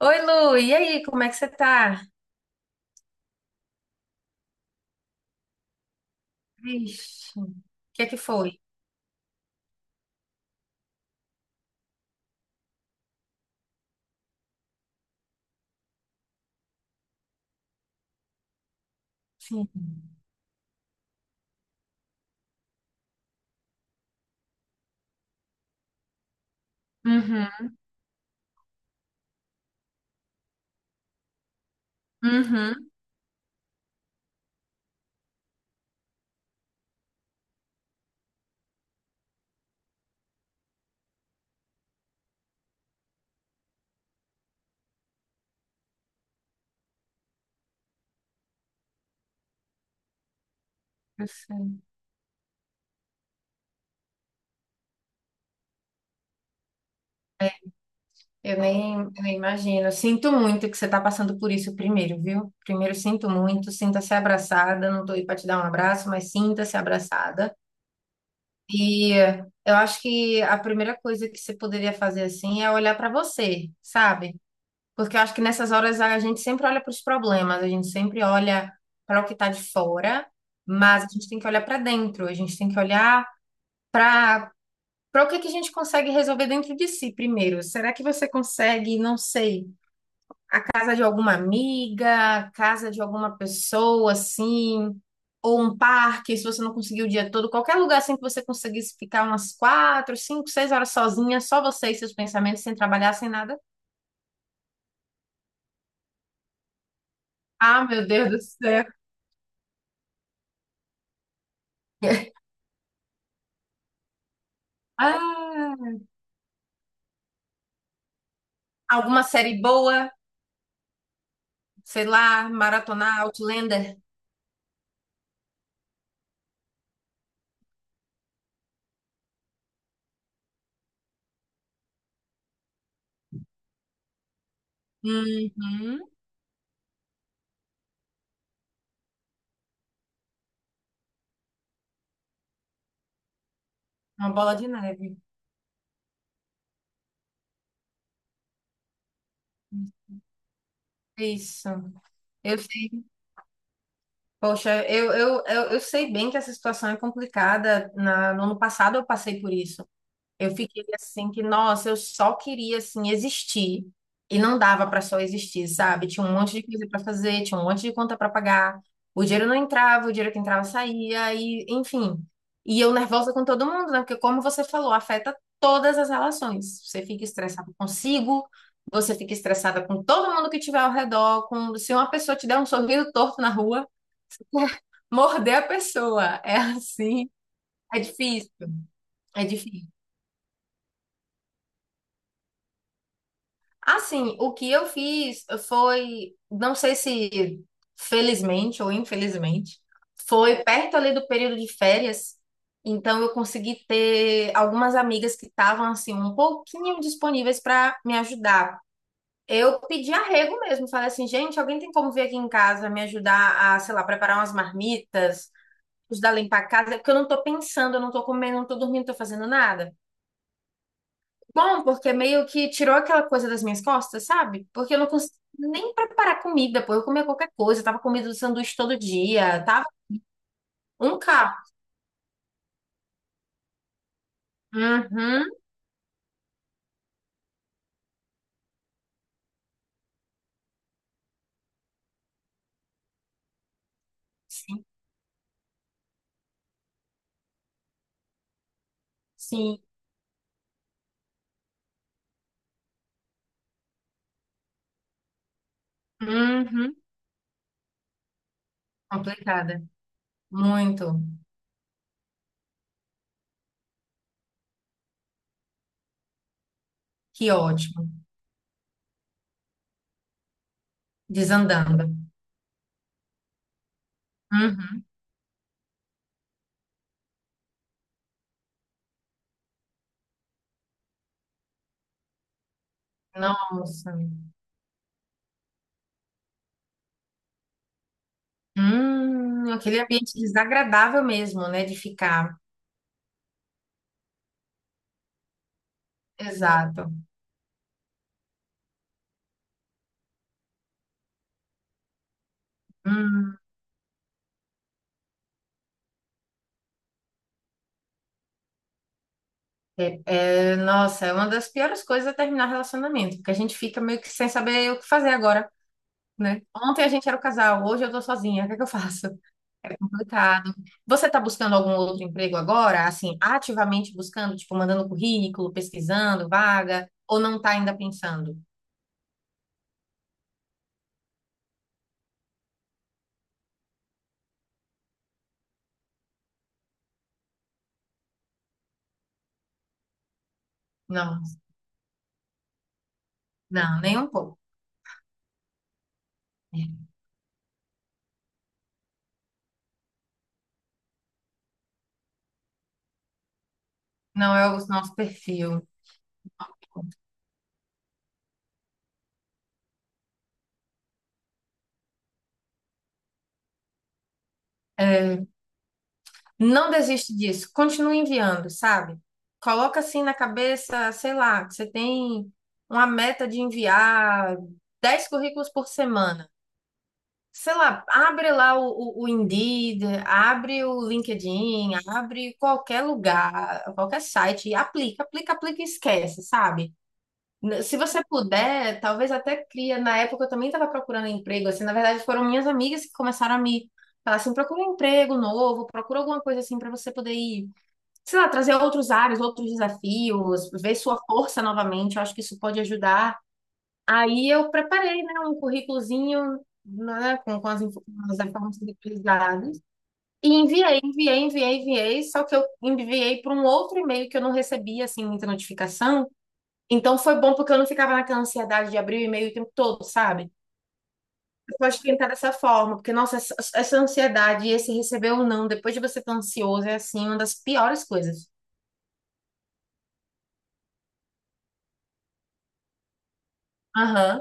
Oi, Lu, e aí, como é que você tá? Vixe, o que é que foi? Sim. Uhum, uhum. Eu sei. Eu nem imagino. Eu sinto muito que você tá passando por isso primeiro, viu? Primeiro, sinto muito, sinta-se abraçada. Não tô aí pra te dar um abraço, mas sinta-se abraçada. E eu acho que a primeira coisa que você poderia fazer assim é olhar pra você, sabe? Porque eu acho que nessas horas a gente sempre olha para os problemas, a gente sempre olha para o que está de fora, mas a gente tem que olhar para dentro, a gente tem que olhar para para o que que a gente consegue resolver dentro de si primeiro. Será que você consegue, não sei, casa de alguma amiga, casa de alguma pessoa assim, ou um parque, se você não conseguir o dia todo, qualquer lugar assim que você conseguisse ficar umas 4, 5, 6 horas sozinha, só você e seus pensamentos, sem trabalhar, sem nada? Ah, meu Deus do céu! Ah! Alguma série boa? Sei lá, maratonar Outlander? Uhum. Uma bola de neve. Isso. Eu sei. Poxa, eu sei bem que essa situação é complicada. No ano passado eu passei por isso. Eu fiquei assim que, nossa, eu só queria assim existir e não dava para só existir, sabe? Tinha um monte de coisa para fazer, tinha um monte de conta para pagar. O dinheiro não entrava, o dinheiro que entrava saía e, enfim. E eu nervosa com todo mundo, né? Porque como você falou, afeta todas as relações. Você fica estressada consigo, você fica estressada com todo mundo que tiver ao redor, com se uma pessoa te der um sorriso torto na rua, morder a pessoa. É assim, é difícil, é difícil. Assim, o que eu fiz foi, não sei se felizmente ou infelizmente, foi perto ali do período de férias. Então eu consegui ter algumas amigas que estavam assim um pouquinho disponíveis para me ajudar. Eu pedi arrego mesmo, falei assim, gente, alguém tem como vir aqui em casa me ajudar a, sei lá, preparar umas marmitas, ajudar a limpar a casa, porque eu não tô pensando, eu não tô comendo, não tô dormindo, não tô fazendo nada. Bom, porque meio que tirou aquela coisa das minhas costas, sabe? Porque eu não consegui nem preparar comida, pô. Eu comia qualquer coisa, eu tava comendo um sanduíche todo dia, tava um carro. Uhum, sim, sim. Uhum. Complicada. Muito. Que ótimo. Desandando. Uhum. Nossa. Aquele ambiente desagradável mesmo, né, de ficar. Exato. Hum. É, é, nossa, é uma das piores coisas é terminar relacionamento, porque a gente fica meio que sem saber o que fazer agora. Né? Ontem a gente era o casal, hoje eu tô sozinha, o que é que eu faço? Complicado. Você tá buscando algum outro emprego agora? Assim, ativamente buscando, tipo, mandando currículo, pesquisando vaga, ou não tá ainda pensando? Não, não, nem um pouco. Não é o nosso perfil. Não desiste disso. Continue enviando, sabe? Coloca assim na cabeça, sei lá, que você tem uma meta de enviar 10 currículos por semana. Sei lá, abre lá o Indeed, abre o LinkedIn, abre qualquer lugar, qualquer site, e aplica, aplica, aplica e esquece, sabe? Se você puder, talvez até cria. Na época eu também estava procurando emprego, assim, na verdade foram minhas amigas que começaram a me falar assim, procura um emprego novo, procura alguma coisa assim para você poder ir, sei lá, trazer outros áreas, outros desafios, ver sua força novamente. Eu acho que isso pode ajudar. Aí eu preparei, né, um currículozinho, né, com as informações utilizadas e enviei, enviei, enviei, enviei, só que eu enviei para um outro e-mail que eu não recebia, assim, muita notificação. Então foi bom porque eu não ficava naquela ansiedade de abrir o e-mail o tempo todo, sabe? Eu Pode tentar dessa forma, porque, nossa, essa ansiedade, esse receber ou não, depois de você estar ansioso, é, assim, uma das piores coisas. Aham.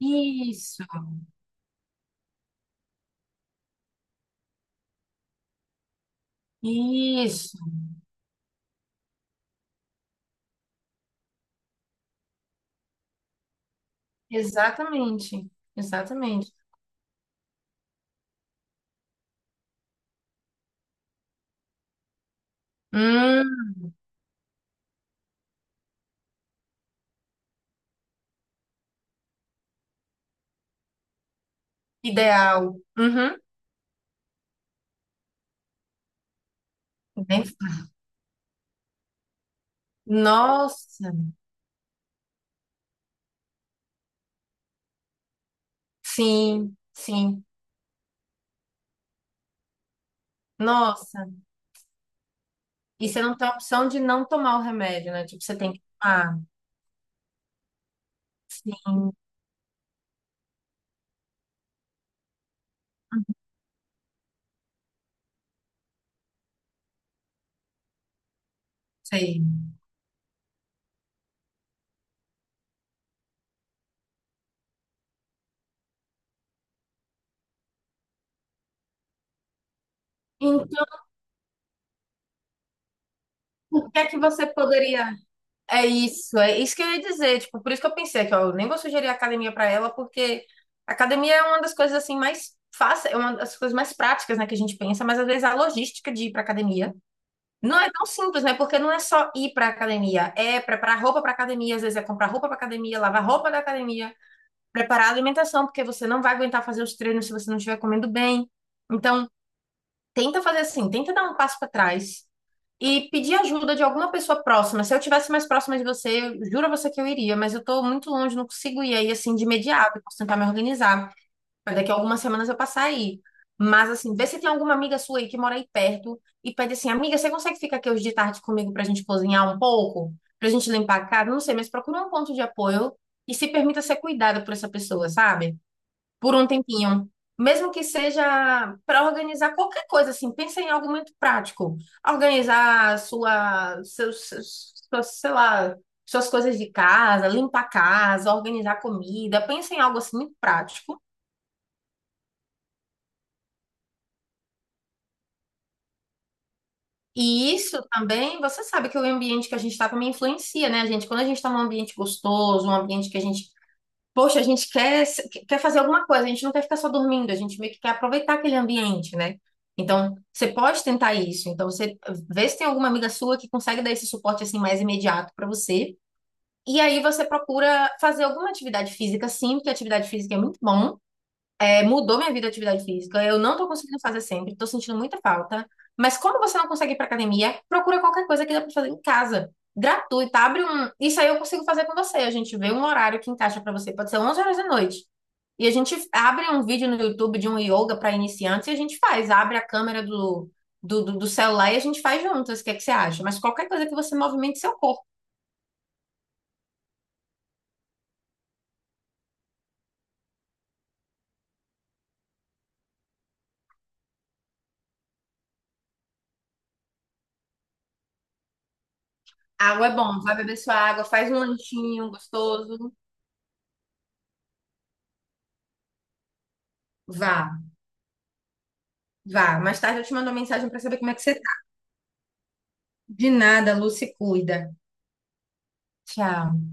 Isso, isso, exatamente, exatamente. Hum, Ideal. Uhum. Bem- Nossa, sim, sim. Nossa. E você não tem a opção de não tomar o remédio, né? Tipo, você tem que tomar. Sim, sei. Então, o que é que você poderia. É isso que eu ia dizer. Tipo, por isso que eu pensei que ó, eu nem vou sugerir a academia para ela, porque a academia é uma das coisas assim mais fáceis, é uma das coisas mais práticas, né, que a gente pensa, mas às vezes a logística de ir para academia. Não é tão simples, né? Porque não é só ir para academia, é preparar roupa para academia, às vezes é comprar roupa para academia, lavar roupa da academia, preparar a alimentação, porque você não vai aguentar fazer os treinos se você não estiver comendo bem. Então, tenta fazer assim, tenta dar um passo para trás e pedir ajuda de alguma pessoa próxima. Se eu tivesse mais próxima de você, eu juro a você que eu iria, mas eu tô muito longe, não consigo ir aí assim de imediato, posso tentar me organizar. Daqui a algumas semanas eu passar aí. Mas, assim, vê se tem alguma amiga sua aí que mora aí perto e pede assim: amiga, você consegue ficar aqui hoje de tarde comigo pra gente cozinhar um pouco? Pra gente limpar a casa? Não sei, mas procura um ponto de apoio e se permita ser cuidada por essa pessoa, sabe? Por um tempinho. Mesmo que seja para organizar qualquer coisa, assim, pensa em algo muito prático. Organizar sua, seus, seus, seus, sei lá, suas coisas de casa, limpar a casa, organizar comida. Pensa em algo assim muito prático. E isso também, você sabe que o ambiente que a gente está também influencia, né, gente? Quando a gente está num ambiente gostoso, um ambiente que a gente, poxa, a gente quer, quer fazer alguma coisa, a gente não quer ficar só dormindo, a gente meio que quer aproveitar aquele ambiente, né? Então, você pode tentar isso. Então, você vê se tem alguma amiga sua que consegue dar esse suporte assim mais imediato para você. E aí você procura fazer alguma atividade física, sim, porque atividade física é muito bom. É, mudou minha vida a atividade física. Eu não tô conseguindo fazer sempre, tô sentindo muita falta. Mas como você não consegue ir pra academia, procura qualquer coisa que dá pra fazer em casa. Gratuita, abre um. Isso aí eu consigo fazer com você. A gente vê um horário que encaixa pra você. Pode ser 11 horas da noite. E a gente abre um vídeo no YouTube de um yoga pra iniciantes e a gente faz. Abre a câmera do celular e a gente faz juntas. O que é que você acha? Mas qualquer coisa que você movimente seu corpo. Água é bom, vai beber sua água, faz um lanchinho gostoso. Vá, vá. Mais tarde eu te mando uma mensagem pra saber como é que você. De nada, Lu, se cuida. Tchau.